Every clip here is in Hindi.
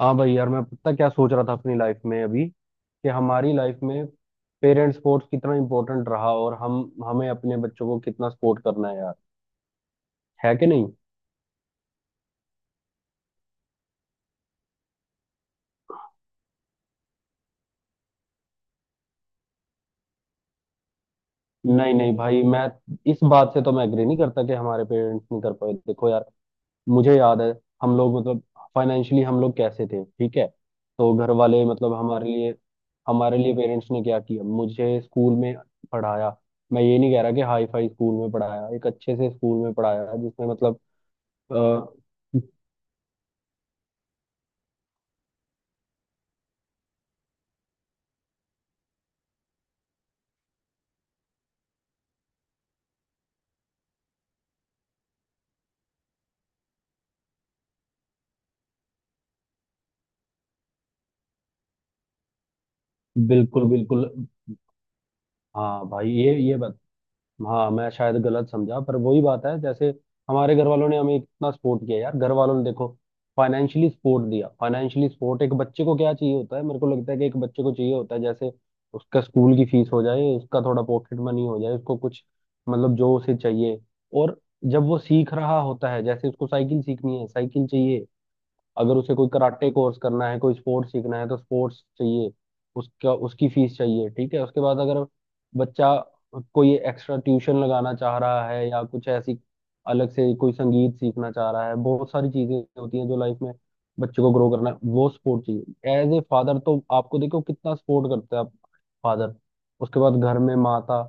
हाँ भाई यार, मैं पता क्या सोच रहा था अपनी लाइफ में अभी कि हमारी लाइफ में पेरेंट स्पोर्ट्स कितना इम्पोर्टेंट रहा। और हम हमें अपने बच्चों को कितना सपोर्ट करना है यार, है कि नहीं। नहीं नहीं भाई, मैं इस बात से तो मैं एग्री नहीं करता कि हमारे पेरेंट्स नहीं कर पाए। देखो यार, मुझे याद है, हम लोग मतलब फाइनेंशियली हम लोग कैसे थे, ठीक है। तो घर वाले मतलब हमारे लिए पेरेंट्स ने क्या किया, मुझे स्कूल में पढ़ाया। मैं ये नहीं कह रहा कि हाई फाई स्कूल में पढ़ाया, एक अच्छे से स्कूल में पढ़ाया जिसमें मतलब। अ, बिल्कुल बिल्कुल। हाँ भाई, ये बात, हाँ मैं शायद गलत समझा, पर वही बात है जैसे हमारे घर वालों ने हमें इतना सपोर्ट किया यार। घर वालों ने देखो, फाइनेंशियली सपोर्ट दिया। फाइनेंशियली सपोर्ट एक बच्चे को क्या चाहिए होता है, मेरे को लगता है कि एक बच्चे को चाहिए होता है जैसे उसका स्कूल की फीस हो जाए, उसका थोड़ा पॉकेट मनी हो जाए, उसको कुछ मतलब जो उसे चाहिए। और जब वो सीख रहा होता है, जैसे उसको साइकिल सीखनी है, साइकिल चाहिए। अगर उसे कोई कराटे कोर्स करना है, कोई स्पोर्ट्स सीखना है, तो स्पोर्ट्स चाहिए, उसका उसकी फीस चाहिए, ठीक है। उसके बाद अगर बच्चा कोई एक्स्ट्रा ट्यूशन लगाना चाह रहा है, या कुछ ऐसी अलग से कोई संगीत सीखना चाह रहा है, बहुत सारी चीजें होती हैं जो लाइफ में बच्चे को ग्रो करना है, वो सपोर्ट चाहिए। एज ए फादर तो आपको देखो कितना सपोर्ट करता है फादर। उसके बाद घर में माता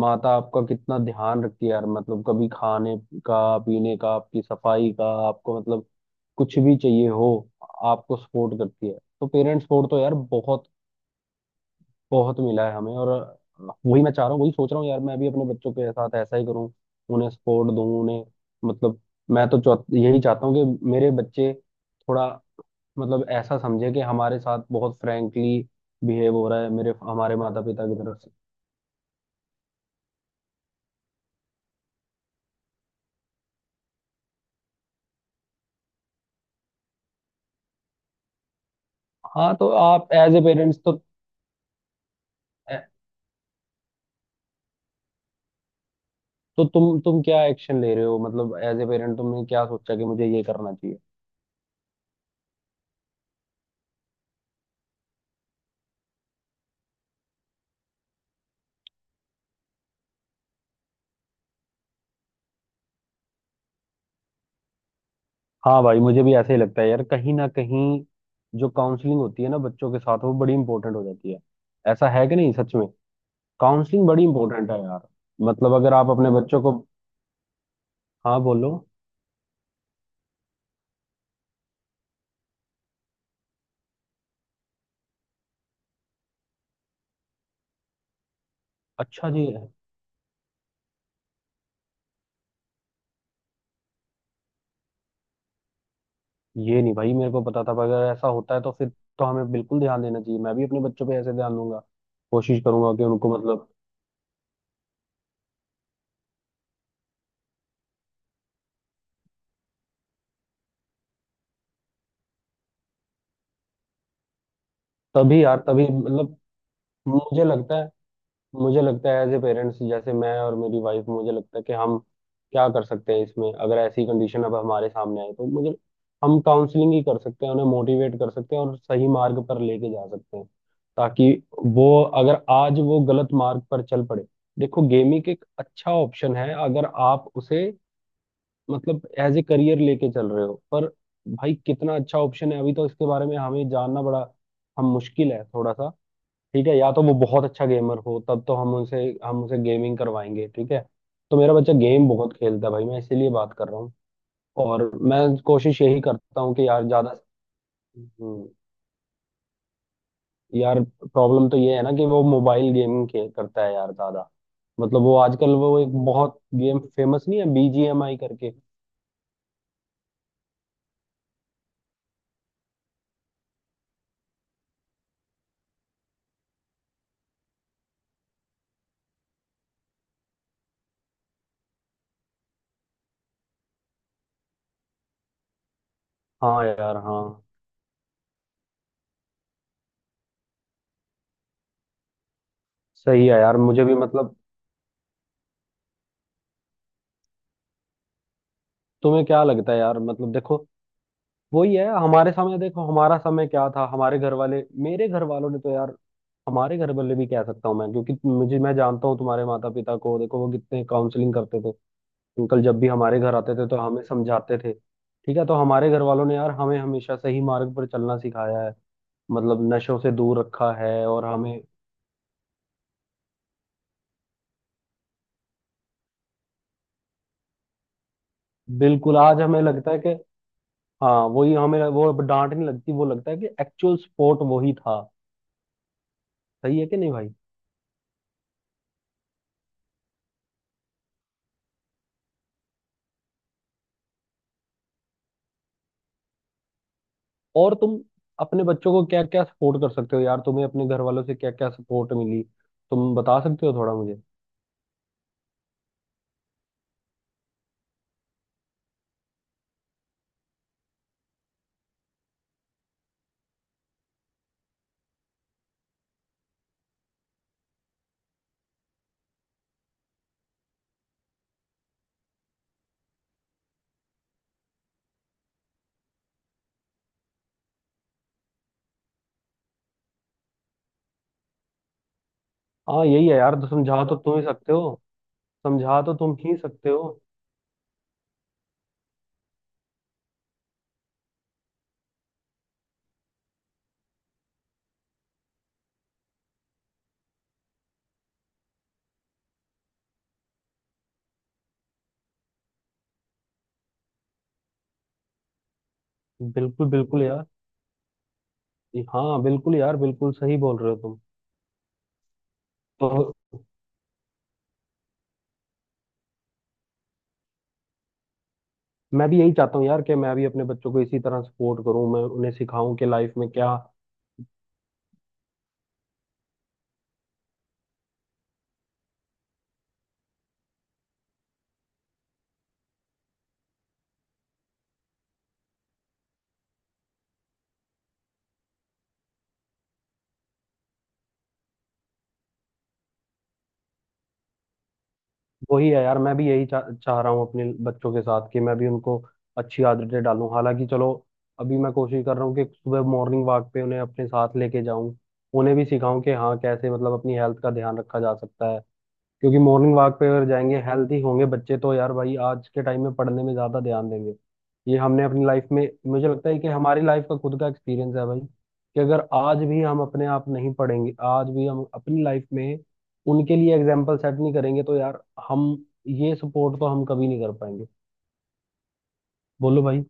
माता आपका कितना ध्यान रखती है यार, मतलब कभी खाने का, पीने का, आपकी सफाई का, आपको मतलब कुछ भी चाहिए हो, आपको सपोर्ट करती है। तो पेरेंट्स सपोर्ट तो यार बहुत बहुत मिला है हमें। और वही मैं चाह रहा हूँ, वही सोच रहा हूँ यार, मैं भी अपने बच्चों के साथ ऐसा ही करूँ, उन्हें सपोर्ट दूँ, उन्हें मतलब। मैं तो यही चाहता हूँ कि मेरे बच्चे थोड़ा मतलब ऐसा समझे कि हमारे साथ बहुत फ्रैंकली बिहेव हो रहा है मेरे हमारे माता पिता की तरफ से। हाँ, तो आप एज ए पेरेंट्स तो तुम क्या एक्शन ले रहे हो, मतलब एज ए पेरेंट तुमने क्या सोचा कि मुझे ये करना चाहिए। हाँ भाई, मुझे भी ऐसा ही लगता है यार, कहीं ना कहीं जो काउंसलिंग होती है ना बच्चों के साथ वो बड़ी इंपॉर्टेंट हो जाती है। ऐसा है कि नहीं सच में, काउंसलिंग बड़ी इंपॉर्टेंट है यार। मतलब अगर आप अपने बच्चों को, हाँ बोलो। अच्छा जी। ये नहीं भाई मेरे को पता था, पर अगर ऐसा होता है तो फिर तो हमें बिल्कुल ध्यान देना चाहिए। मैं भी अपने बच्चों पे ऐसे ध्यान दूंगा, कोशिश करूंगा कि उनको मतलब। तभी यार, तभी मतलब मुझे लगता है मुझे लगता है एज ए पेरेंट्स जैसे मैं और मेरी वाइफ, मुझे लगता है कि हम क्या कर सकते हैं इसमें अगर ऐसी कंडीशन अब हमारे सामने आए, तो मुझे, हम काउंसलिंग ही कर सकते हैं, उन्हें मोटिवेट कर सकते हैं और सही मार्ग पर लेके जा सकते हैं। ताकि वो, अगर आज वो गलत मार्ग पर चल पड़े। देखो गेमिंग एक अच्छा ऑप्शन है अगर आप उसे मतलब एज ए करियर लेके चल रहे हो, पर भाई कितना अच्छा ऑप्शन है अभी, तो इसके बारे में हमें जानना बड़ा हम मुश्किल है थोड़ा सा, ठीक है। या तो वो बहुत अच्छा गेमर हो, तब तो हम उसे गेमिंग करवाएंगे, ठीक है। तो मेरा बच्चा गेम बहुत खेलता है भाई, मैं इसीलिए बात कर रहा हूँ। और मैं कोशिश यही करता हूँ कि यार ज्यादा, हम्म, यार प्रॉब्लम तो ये है ना कि वो मोबाइल गेमिंग खेल करता है यार ज्यादा। मतलब वो आजकल वो एक बहुत गेम फेमस नहीं है बीजीएमआई करके। हाँ यार, हाँ, सही है यार, मुझे भी मतलब, तुम्हें क्या लगता है यार, मतलब देखो, वही है हमारे समय। देखो हमारा समय क्या था, हमारे घर वाले, मेरे घर वालों ने तो यार, हमारे घर वाले भी कह सकता हूँ मैं, क्योंकि मुझे मैं जानता हूँ तुम्हारे माता पिता को, देखो वो कितने काउंसलिंग करते थे। अंकल जब भी हमारे घर आते थे, तो हमें समझाते थे, ठीक है। तो हमारे घर वालों ने यार हमें हमेशा सही मार्ग पर चलना सिखाया है, मतलब नशों से दूर रखा है। और हमें बिल्कुल आज हमें लगता है कि हाँ, वही हमें वो अब डांट नहीं लगती, वो लगता है कि एक्चुअल सपोर्ट वही था। सही है कि नहीं भाई। और तुम अपने बच्चों को क्या क्या सपोर्ट कर सकते हो यार, तुम्हें अपने घर वालों से क्या क्या सपोर्ट मिली, तुम बता सकते हो थोड़ा मुझे। हाँ यही है यार, तो समझा तो तुम ही सकते हो समझा तो तुम ही सकते हो बिल्कुल बिल्कुल यार, हाँ बिल्कुल यार, बिल्कुल सही बोल रहे हो तुम तो। मैं भी यही चाहता हूँ यार कि मैं भी अपने बच्चों को इसी तरह सपोर्ट करूँ, मैं उन्हें सिखाऊं कि लाइफ में क्या। वही है यार, मैं भी यही चाह रहा हूँ अपने बच्चों के साथ कि मैं भी उनको अच्छी आदतें डालूं। हालांकि चलो अभी मैं कोशिश कर रहा हूँ कि सुबह मॉर्निंग वॉक पे उन्हें अपने साथ लेके जाऊं, उन्हें भी सिखाऊं कि हाँ कैसे मतलब अपनी हेल्थ का ध्यान रखा जा सकता है। क्योंकि मॉर्निंग वॉक पे अगर जाएंगे, हेल्थी होंगे बच्चे, तो यार भाई आज के टाइम में पढ़ने में ज्यादा ध्यान देंगे। ये हमने अपनी लाइफ में मुझे लगता है कि हमारी लाइफ का खुद का एक्सपीरियंस है भाई कि अगर आज भी हम अपने आप नहीं पढ़ेंगे, आज भी हम अपनी लाइफ में उनके लिए एग्जाम्पल सेट नहीं करेंगे, तो यार हम ये सपोर्ट तो हम कभी नहीं कर पाएंगे। बोलो भाई।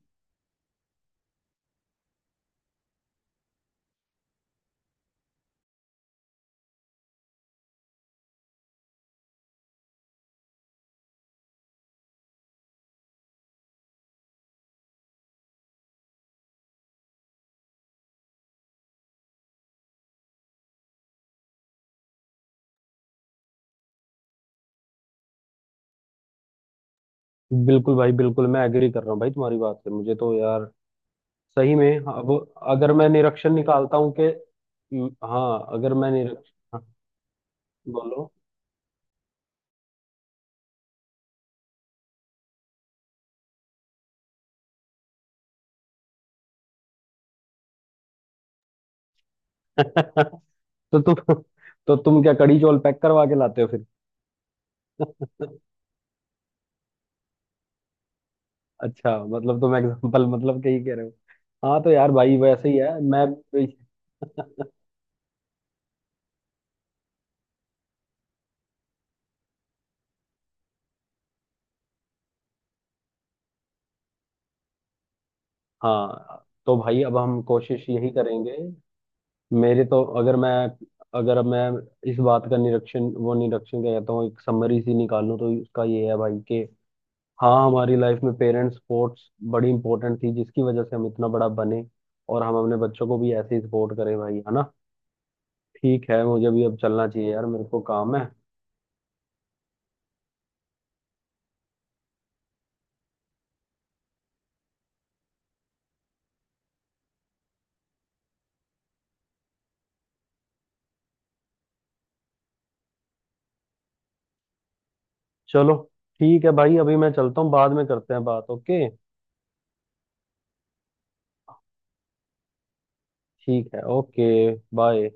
बिल्कुल भाई बिल्कुल, मैं एग्री कर रहा हूँ भाई तुम्हारी बात से, मुझे तो यार सही में अब अगर मैं निरीक्षण निकालता हूँ कि, हाँ, अगर मैं निरीक्षण, हाँ, बोलो। तो तुम, तो तुम क्या कड़ी चौल पैक करवा के लाते हो फिर। अच्छा मतलब तुम एग्जाम्पल मतलब कहीं कह रहे हो। हाँ, तो यार भाई वैसे ही है, भी- हाँ तो भाई अब हम कोशिश यही करेंगे। मेरे तो अगर मैं, अगर अब मैं इस बात का निरीक्षण, वो निरीक्षण क्या कहता हूँ, एक समरी सी निकालूं तो उसका ये है भाई कि हाँ, हमारी लाइफ में पेरेंट्स सपोर्ट्स बड़ी इंपॉर्टेंट थी जिसकी वजह से हम इतना बड़ा बने, और हम अपने बच्चों को भी ऐसे ही सपोर्ट करें भाई, है ना। ठीक है, मुझे भी अब चलना चाहिए यार, मेरे को काम है। चलो ठीक है भाई, अभी मैं चलता हूँ, बाद में करते हैं बात, ओके। ठीक है, ओके, बाय।